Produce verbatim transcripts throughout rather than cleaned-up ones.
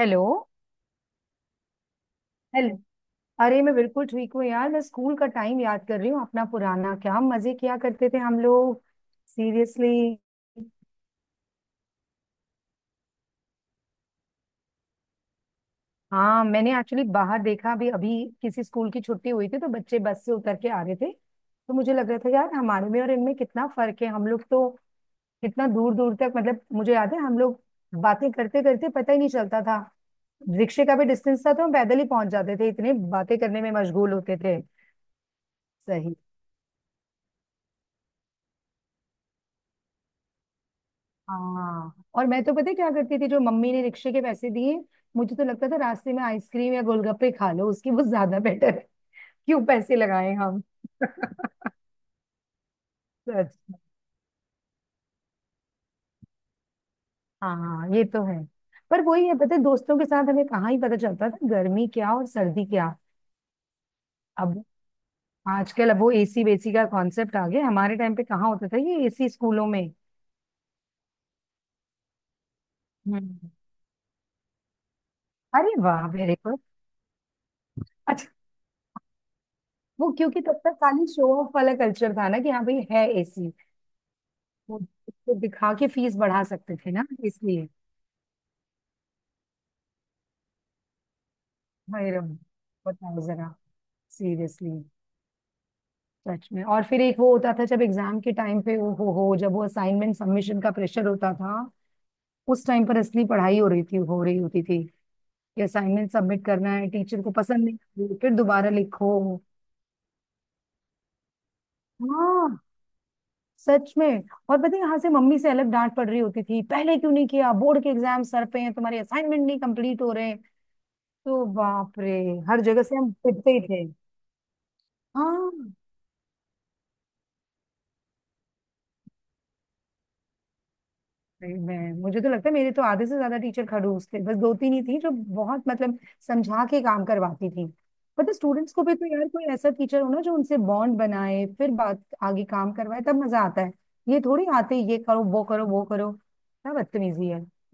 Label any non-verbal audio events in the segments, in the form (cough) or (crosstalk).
Hello. Hello. अरे मैं बिल्कुल ठीक हूँ यार, मैं स्कूल का टाइम याद कर रही हूँ अपना पुराना। क्या मजे किया करते थे हम लोग। सीरियसली। हाँ, मैंने एक्चुअली बाहर देखा अभी अभी। किसी स्कूल की छुट्टी हुई थी तो बच्चे बस से उतर के आ रहे थे, तो मुझे लग रहा था यार हमारे में और इनमें कितना फर्क है। हम लोग तो कितना दूर दूर तक, मतलब मुझे याद है हम लोग बातें करते करते पता ही नहीं चलता था। रिक्शे का भी डिस्टेंस था तो हम पैदल ही पहुंच जाते थे, इतने बातें करने में मशगूल होते थे। सही। हाँ, और मैं तो पता है क्या करती थी, जो मम्मी ने रिक्शे के पैसे दिए मुझे तो लगता था रास्ते में आइसक्रीम या गोलगप्पे खा लो, उसकी वो ज्यादा बेटर है। क्यों पैसे लगाए हम। (laughs) सच में। हाँ, ये तो है। पर वही है, पता है दोस्तों के साथ हमें कहाँ ही पता चलता था गर्मी क्या और सर्दी क्या। अब आजकल अब वो एसी वेसी का कॉन्सेप्ट आ गया, हमारे टाइम पे कहाँ होता था ये एसी स्कूलों में। हम्म। अरे वाह, वेरी गुड। अच्छा। वो क्योंकि तब तक खाली शो ऑफ वाला कल्चर था ना, कि हाँ भाई है एसी। वो उसको दिखा के फीस बढ़ा सकते थे ना, इसलिए। भाई रब। बताओ जरा। सीरियसली। सच में। और फिर एक वो होता था जब एग्जाम के टाइम पे वो हो, हो जब वो असाइनमेंट सबमिशन का प्रेशर होता था। उस टाइम पर असली पढ़ाई हो रही थी, हो रही होती थी। कि असाइनमेंट सबमिट करना है, टीचर को पसंद नहीं आ रही, फिर दोबारा लिखो। हाँ, सच में। और पता है यहाँ से मम्मी से अलग डांट पड़ रही होती थी, पहले क्यों नहीं किया, बोर्ड के एग्जाम सर पे हैं तुम्हारे, असाइनमेंट नहीं कंप्लीट हो रहे हैं। तो बाप रे, हर जगह से हम पिटते ही थे। हाँ। भाई, मैं मुझे तो लगता है मेरे तो आधे से ज्यादा टीचर खड़ूस थे, बस दो तीन ही थी जो बहुत, मतलब समझा के काम करवाती थी। पता स्टूडेंट्स को भी तो, यार कोई ऐसा टीचर हो ना जो उनसे बॉन्ड बनाए फिर बात आगे काम करवाए तब मजा आता है। ये थोड़ी आते ही ये करो वो करो वो करो, क्या बदतमीजी है। (laughs)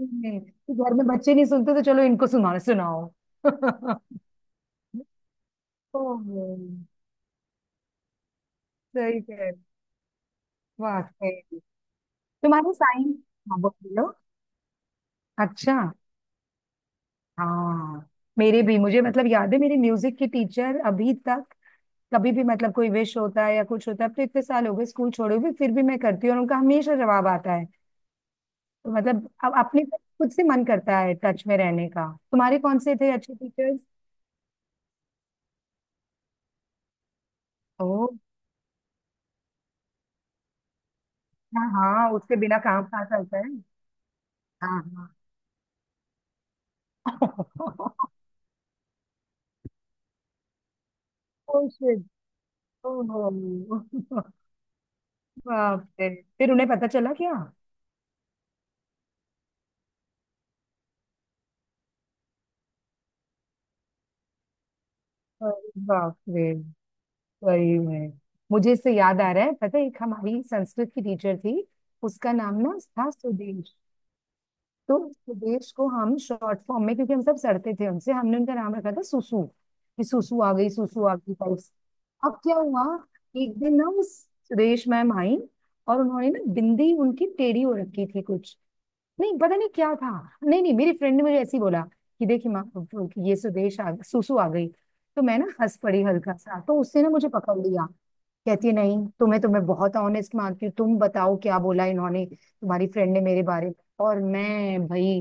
नहीं, कि घर में बच्चे नहीं सुनते तो चलो इनको सुना सुनाओ। (laughs) ओह, सही कह। वाकई। तुम्हारे साइंस। हाँ, बोलो। अच्छा। हाँ। मेरे भी, मुझे मतलब याद है, मेरी म्यूजिक की टीचर अभी तक, कभी भी मतलब कोई विश होता है या कुछ होता है, अब तो इतने साल हो गए स्कूल छोड़े हुए, फिर भी मैं करती हूँ और उनका हमेशा जवाब आता है। तो मतलब अब अपने को खुद से मन करता है टच में रहने का। तुम्हारे कौन से थे अच्छे टीचर्स? ओ। हाँ हाँ, उसके बिना काम कहाँ चलता है। हाँ हाँ। (laughs) Oh, shit. Oh, (laughs) बाप रे, फिर उन्हें पता चला क्या? अरे बाप रे। वही में, मुझे इससे याद आ रहा है, पता है एक हमारी संस्कृत की टीचर थी। उसका नाम ना था सुदेश। तो सुदेश को हम शॉर्ट फॉर्म में, क्योंकि हम सब सड़ते थे उनसे, हमने उनका नाम रखा था सुसु। कि सुसु आ गई, सुसु आ गई टाइप्स। अब क्या हुआ, एक दिन ना उस, सुदेश मैम आई और उन्होंने ना बिंदी उनकी टेढ़ी हो रखी थी कुछ, नहीं पता नहीं क्या था, नहीं नहीं, मेरी फ्रेंड ने मुझे ऐसे ही बोला कि देखी माँ, ये सुदेश आ, सुसु आ गई। तो मैं ना हंस पड़ी हल्का सा, तो उसने ना मुझे पकड़ लिया। कहती है, नहीं तुम्हें तो मैं बहुत ऑनेस्ट मानती हूँ, तुम बताओ क्या बोला इन्होंने तुम्हारी फ्रेंड ने मेरे बारे में। और मैं भाई,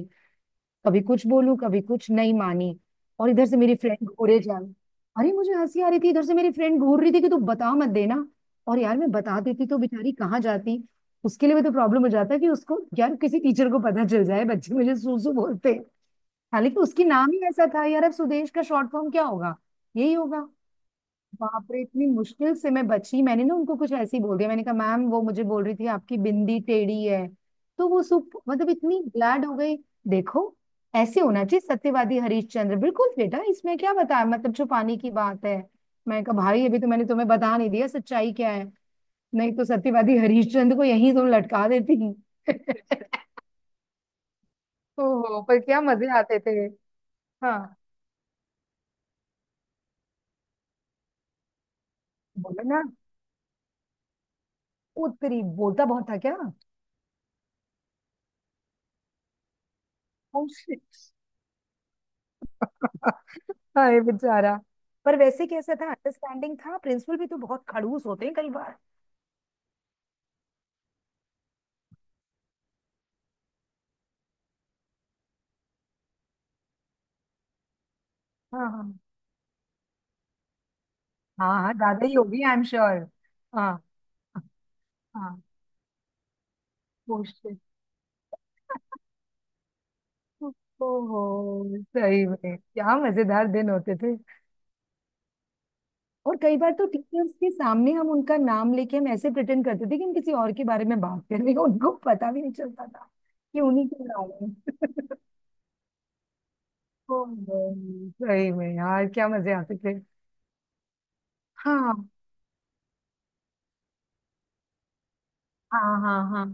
कभी कुछ बोलूं कभी कुछ, नहीं मानी। और इधर से मेरी फ्रेंड घूरे जा। अरे मुझे हंसी आ रही थी, इधर से मेरी फ्रेंड घूर रही थी कि तू बता मत देना। और यार मैं बता देती तो बेचारी कहाँ जाती, उसके लिए भी तो प्रॉब्लम हो जाता कि उसको, यार किसी टीचर को पता चल जाए बच्चे मुझे सूसू बोलते हैं। हालांकि उसकी नाम ही ऐसा था यार, अब सुदेश का शॉर्ट फॉर्म क्या होगा, यही होगा। बाप रे, इतनी मुश्किल से मैं बची। मैंने ना उनको कुछ ऐसे ही बोल दिया, मैंने कहा मैम वो मुझे बोल रही थी आपकी बिंदी टेढ़ी है। तो वो सुप मतलब इतनी ग्लैड हो गई, देखो ऐसे होना चाहिए सत्यवादी हरिश्चंद्र, बिल्कुल बेटा इसमें क्या बताया, मतलब छुपाने की बात है। मैं कहा भाई, अभी तो मैंने तुम्हें बता नहीं दिया सच्चाई क्या है, नहीं तो सत्यवादी हरिश्चंद्र को यहीं तुम लटका देती। (laughs) ओहो, पर क्या मजे आते थे। हाँ, बोलो ना। उत्तरी बोलता बहुत था क्या? Oh, shit. (laughs) हाय बेचारा। पर वैसे कैसा था, अंडरस्टैंडिंग था? प्रिंसिपल भी तो बहुत खड़ूस होते हैं कई बार। हाँ हाँ हाँ। हाँ, ज्यादा ही होगी, आई एम श्योर। हाँ हाँ। Oh, shit. ओहो, सही में क्या मजेदार दिन होते थे। और कई बार तो टीचर्स के सामने हम उनका नाम लेके हम ऐसे प्रिटेंड करते थे कि हम किसी और के बारे में बात कर रहे हैं, उनको पता भी नहीं चलता था कि उन्हीं के नाम है। (laughs) ओहो, सही में यार क्या मजे आते थे। हाँ हाँ हाँ। हाँ,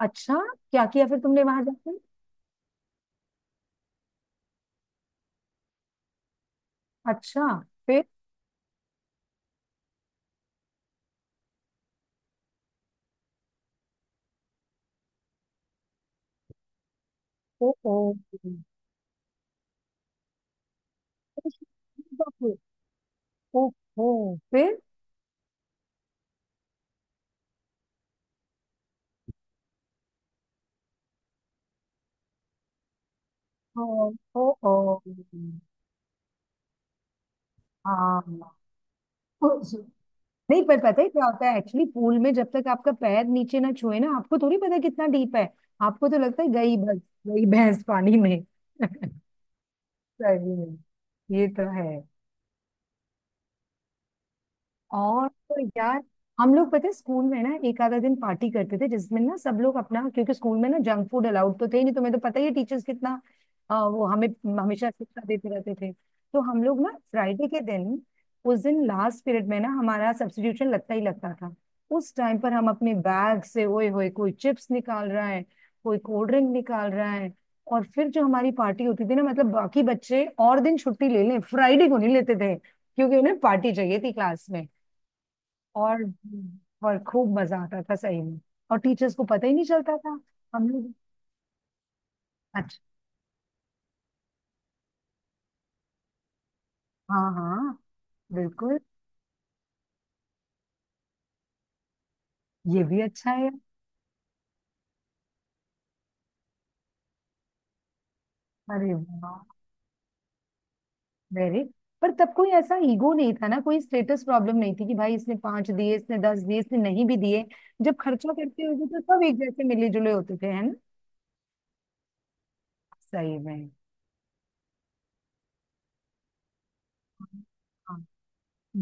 अच्छा, क्या किया फिर तुमने वहां जाके? अच्छा, फिर? ओ ओ फिर? शुरू का फिर, ओ ओ फिर, ओ, ओ, ओ। हाँ, उस, नहीं पर पता है क्या होता है एक्चुअली, पूल में जब तक आपका पैर नीचे ना छुए ना, आपको थोड़ी पता कितना डीप है। आपको तो लगता है गई बस, गई भैंस पानी में। (laughs) सही में, ये तो है। और तो यार, हम लोग पता है स्कूल में ना एक आधा दिन पार्टी करते थे, जिसमें ना सब लोग अपना, क्योंकि स्कूल में ना जंक फूड अलाउड तो थे ही नहीं, तुम्हें तो पता ही है टीचर्स कितना, अ, वो हमें हमेशा शिक्षा देते रहते थे। तो हम लोग ना फ्राइडे के दिन, उस दिन लास्ट पीरियड में ना हमारा सब्स्टिट्यूशन लगता ही लगता था। उस टाइम पर हम अपने बैग से ओए होए, कोई चिप्स निकाल रहा है, कोई कोल्ड ड्रिंक निकाल रहा है। और फिर जो हमारी पार्टी होती थी ना, मतलब बाकी बच्चे और दिन छुट्टी ले लें, फ्राइडे को नहीं लेते थे, क्योंकि उन्हें पार्टी चाहिए थी क्लास में। और और खूब मजा आता था सही में, और टीचर्स को पता ही नहीं चलता था। हम लोग। अच्छा। हाँ हाँ, बिल्कुल। ये भी अच्छा है। अरे वाह, वेरी। पर तब कोई ऐसा ईगो नहीं था ना, कोई स्टेटस प्रॉब्लम नहीं थी कि भाई इसने पांच दिए, इसने दस दिए, इसने नहीं भी दिए। जब खर्चा करते हुए तो सब एक जैसे मिले जुले होते थे, है ना। सही में,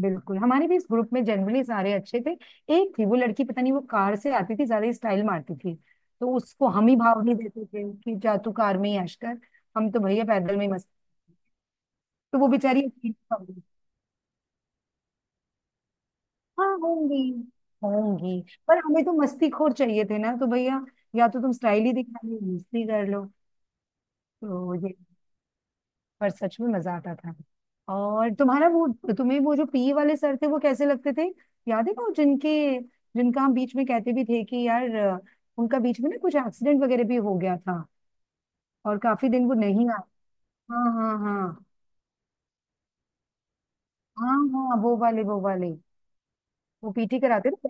बिल्कुल हमारे भी इस ग्रुप में जनरली सारे अच्छे थे। एक थी वो लड़की, पता नहीं वो कार से आती थी, ज्यादा ही स्टाइल मारती थी। तो उसको हम ही भाव नहीं देते थे कि जा तू कार में ही ऐश कर, हम तो भैया पैदल में ही मस्त। तो वो बेचारी अकेली होगी। हाँ, होंगी। होंगी। पर हमें तो मस्ती खोर चाहिए थे ना, तो भैया या तो तुम स्टाइल ही दिखा लो, मस्ती कर लो। तो ये, पर सच में मजा आता था। और तुम्हारा वो, तुम्हें वो जो पी वाले सर थे वो कैसे लगते थे? याद है वो जिनके, जिनका हम बीच में कहते भी थे कि यार अ, उनका बीच में ना कुछ एक्सीडेंट वगैरह भी हो गया था और काफी दिन वो नहीं आए। हाँ हाँ हाँ। हाँ हाँ, वो वाले वो वाले, वो पीटी कराते थे।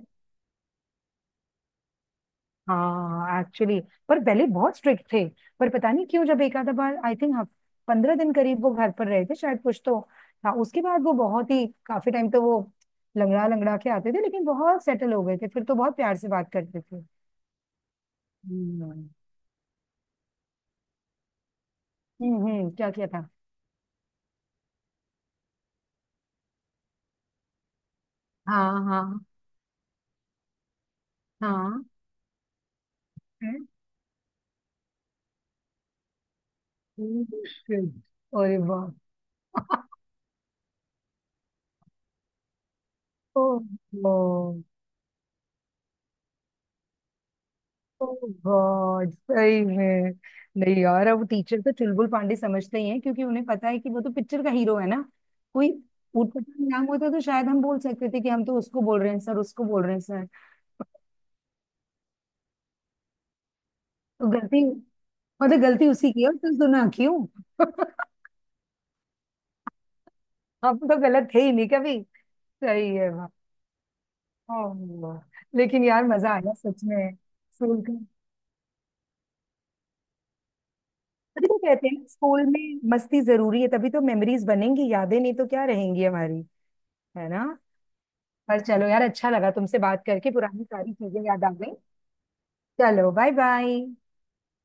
हाँ, एक्चुअली पर पहले बहुत स्ट्रिक्ट थे। पर पता नहीं क्यों जब एक आधा बार आई थिंक, हफ पंद्रह दिन करीब वो घर पर रहे थे शायद, कुछ तो। हाँ, उसके बाद वो बहुत ही, काफी टाइम तो वो लंगड़ा लंगड़ा के आते थे, लेकिन बहुत सेटल हो गए थे फिर, तो बहुत प्यार से बात करते थे। हम्म, हम्म हम्म, क्या किया था? हाँ हाँ हाँ। हैं? हम्म, हम्म। अरे वाह। (laughs) ओ, ओ गॉड, सही में। नहीं यार, अब टीचर तो चुलबुल पांडे समझते ही हैं, क्योंकि उन्हें पता है कि वो तो पिक्चर का हीरो है ना। कोई ऊटपटांग नाम होता तो शायद हम बोल सकते थे कि हम तो उसको बोल रहे हैं सर, उसको बोल रहे हैं सर। तो गलती, मतलब गलती उसी की है और तुम ना क्यों। (laughs) हम तो गलत थे ही नहीं कभी। सही है, वाह। ओह, लेकिन यार मजा आया सच में स्कूल का। तभी तो कहते हैं ना, स्कूल में मस्ती जरूरी है, तभी तो मेमोरीज बनेंगी, यादें नहीं तो क्या रहेंगी हमारी, है ना। पर चलो यार, अच्छा लगा तुमसे बात करके, पुरानी सारी चीजें याद आ गई। चलो बाय बाय।